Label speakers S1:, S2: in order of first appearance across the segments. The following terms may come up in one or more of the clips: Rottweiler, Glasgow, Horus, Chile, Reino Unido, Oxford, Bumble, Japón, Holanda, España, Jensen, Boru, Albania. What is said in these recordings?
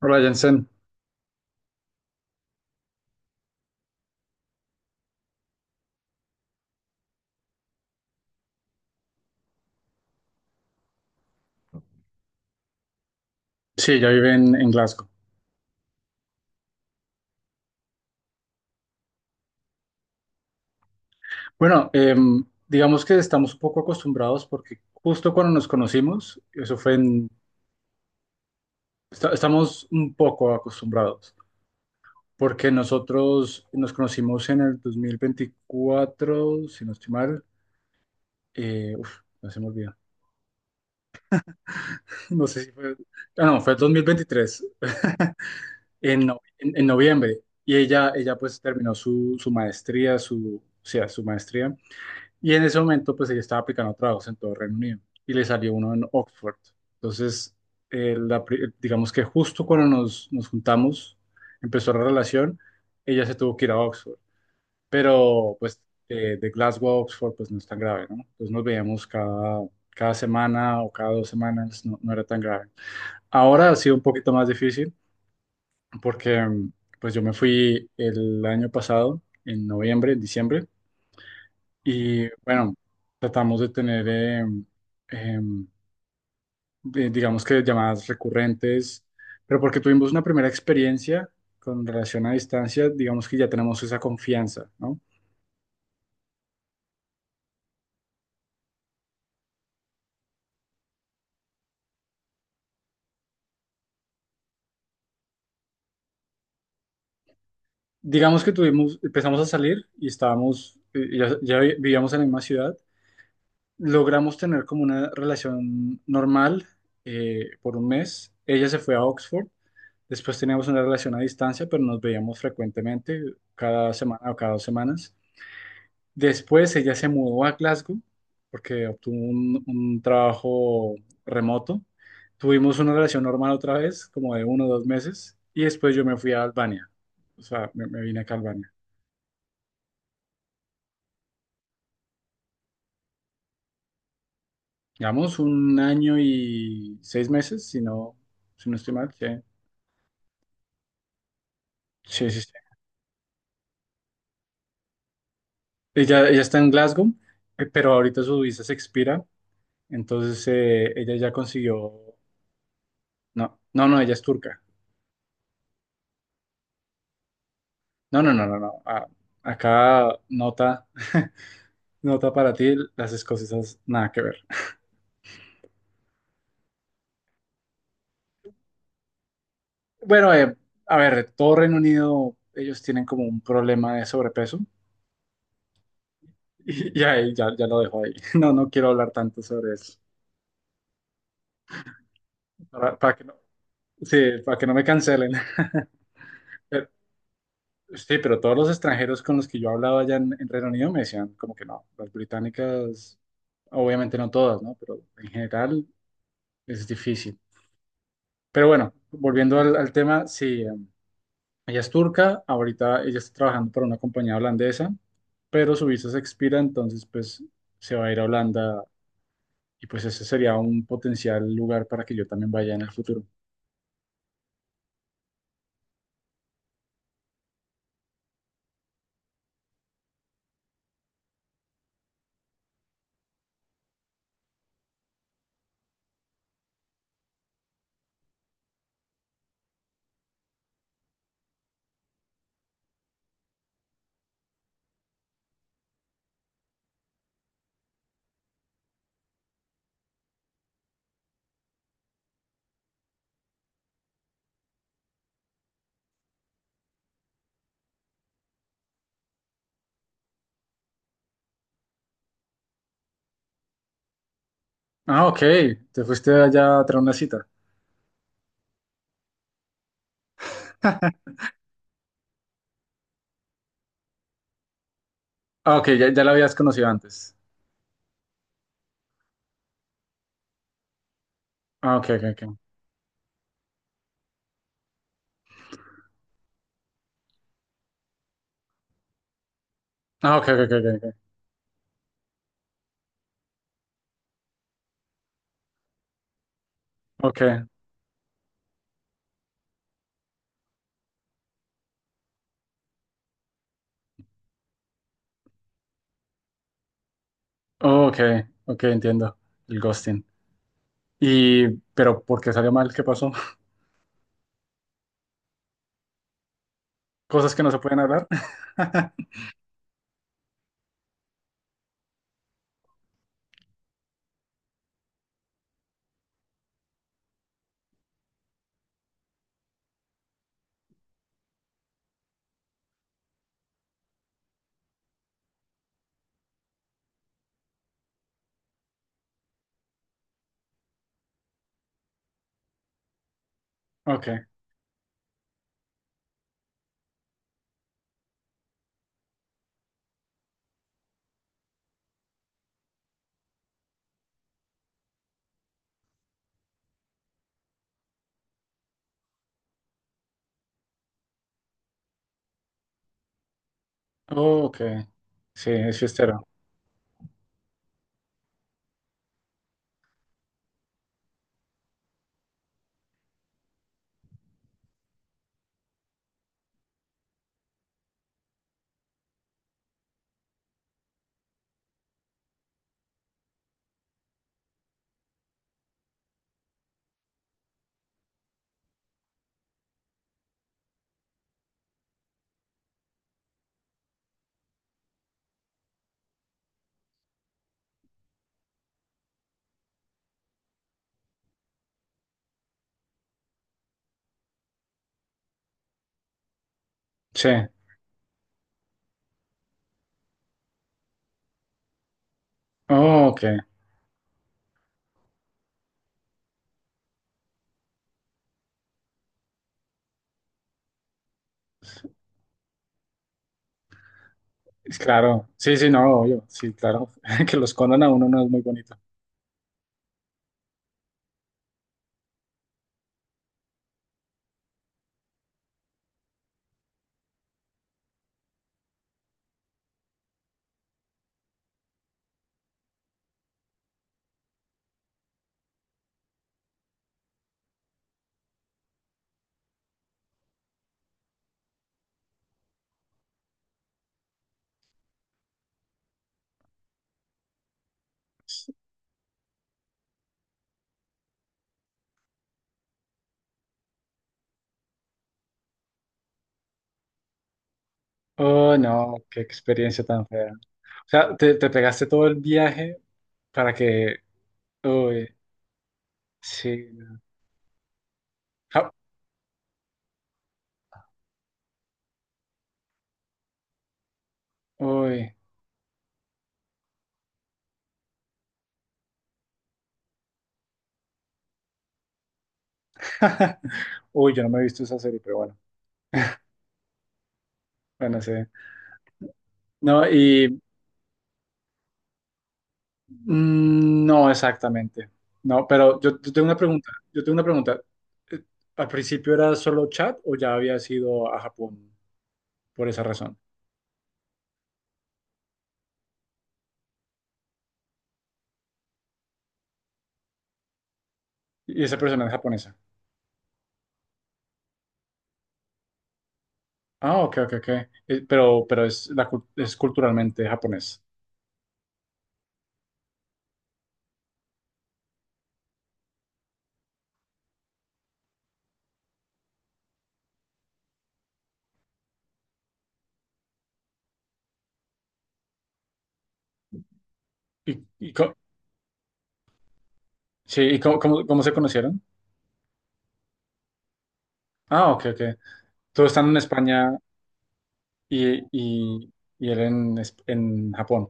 S1: Hola Jensen, sí, ella vive en Glasgow. Bueno, digamos que estamos un poco acostumbrados porque justo cuando nos conocimos, eso fue en, esta- estamos un poco acostumbrados porque nosotros nos conocimos en el 2024, si no estoy mal, uf, no se me olvida, no sé si fue, ah, no, fue 2023, en, no- en noviembre, y ella pues terminó su maestría, o sea, su maestría. Y en ese momento, pues ella estaba aplicando trabajos en todo Reino Unido y le salió uno en Oxford. Entonces, digamos que justo cuando nos juntamos, empezó la relación, ella se tuvo que ir a Oxford. Pero, pues, de Glasgow a Oxford, pues no es tan grave, ¿no? Entonces nos veíamos cada semana o cada 2 semanas, no, no era tan grave. Ahora ha sido un poquito más difícil porque, pues, yo me fui el año pasado, en noviembre, en diciembre y bueno, tratamos de tener, em, digamos que llamadas recurrentes, pero porque tuvimos una primera experiencia con relación a distancia, digamos que ya tenemos esa confianza, ¿no? Digamos que tuvimos, empezamos a salir y estábamos, ya, vivíamos en la misma ciudad, logramos tener como una relación normal por un mes. Ella se fue a Oxford, después teníamos una relación a distancia, pero nos veíamos frecuentemente, cada semana o cada dos semanas. Después ella se mudó a Glasgow porque obtuvo un trabajo remoto. Tuvimos una relación normal otra vez, como de 1 o 2 meses, y después yo me fui a Albania. O sea, me vine acá a Albania. Llevamos un año y 6 meses, si no estoy mal. Sí, sí, sí. Sí. Ella está en Glasgow, pero ahorita su visa se expira, entonces ella ya consiguió... No, no, no, ella es turca. No, no, no, no, no. Acá nota. Nota para ti, las escocesas, nada que ver. Bueno, a ver, todo Reino Unido, ellos tienen como un problema de sobrepeso. Y ahí ya lo dejo ahí. No, no quiero hablar tanto sobre eso. Para que no, sí, para que no me cancelen. Pero- sí, pero todos los extranjeros con los que yo hablaba allá en Reino Unido me decían como que no, las británicas, obviamente no todas, ¿no? Pero en general es difícil. Pero bueno, volviendo al tema, sí, ella es turca, ahorita ella está trabajando para una compañía holandesa, pero su visa se expira, entonces pues se va a ir a Holanda y pues ese sería un potencial lugar para que yo también vaya en el futuro. Ah, ok, te fuiste allá a traer una cita. Ah, ok, ya, ya la habías conocido antes. Ah, ok, ok, ok. Ah, ok, ok, ok, ok, ok. Oh, ok, ok, entiendo el ghosting. Y, pero ¿por qué salió mal? ¿Qué pasó? Cosas que no se pueden hablar. Ok. Oh, ok, sí, es fiestero. Sí. Oh, ok. Es claro. Sí, sí, no, obvio. Sí, claro. Que lo escondan a uno no es muy bonito. Oh, no, qué experiencia tan fea. O sea, te pegaste todo el viaje para que... Uy, sí. Ja. Uy. Uy, yo no me he visto esa serie, pero bueno. Bueno, sí. No, y... no, exactamente. No, pero yo tengo una pregunta. Yo tengo una pregunta. Eh, ¿Al principio era solo chat o ya había ido a Japón por esa razón? Y esa persona es japonesa. Ah, ok, ok, ok. Pero es culturalmente japonés. ¿Y, y co- sí, ¿y cómo se conocieron? Ah, ok, ok. Todos están en España y, y, y él en Japón.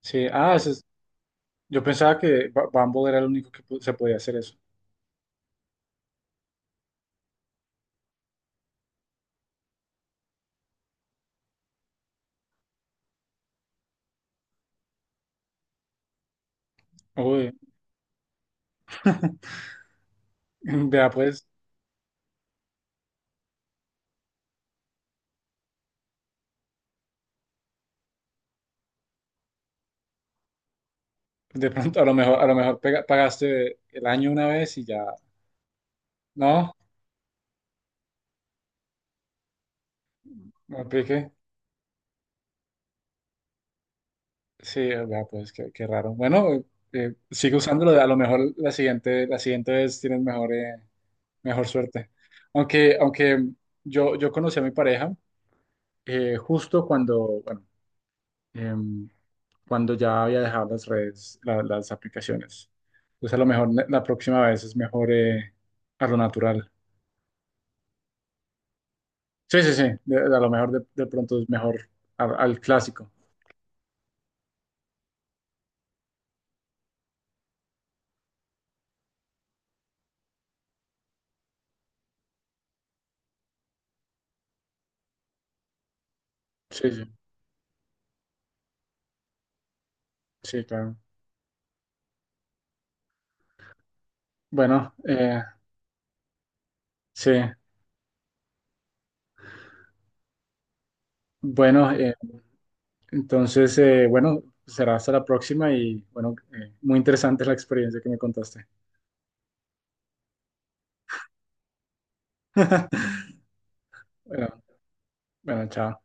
S1: Sí, ah, yo pensaba que Bumble era el único que se podía hacer eso. Uy, vea pues, de pronto a lo mejor pagaste el año una vez y ya, ¿no? Me apliqué. Sí, vea, pues qué raro. Bueno, sigue usándolo, a lo mejor la siguiente vez tienes mejor suerte. Aunque yo conocí a mi pareja justo cuando, bueno, em, cuando ya había dejado las redes, las aplicaciones. Entonces a lo mejor la próxima vez es mejor a lo natural. Sí, sí, sí, a lo mejor de pronto es mejor al clásico. Sí, sí, sí, claro. Bueno, sí, bueno. Entonces, bueno, será hasta la próxima y bueno, muy interesante la experiencia que me contaste. Bueno, bueno, chao.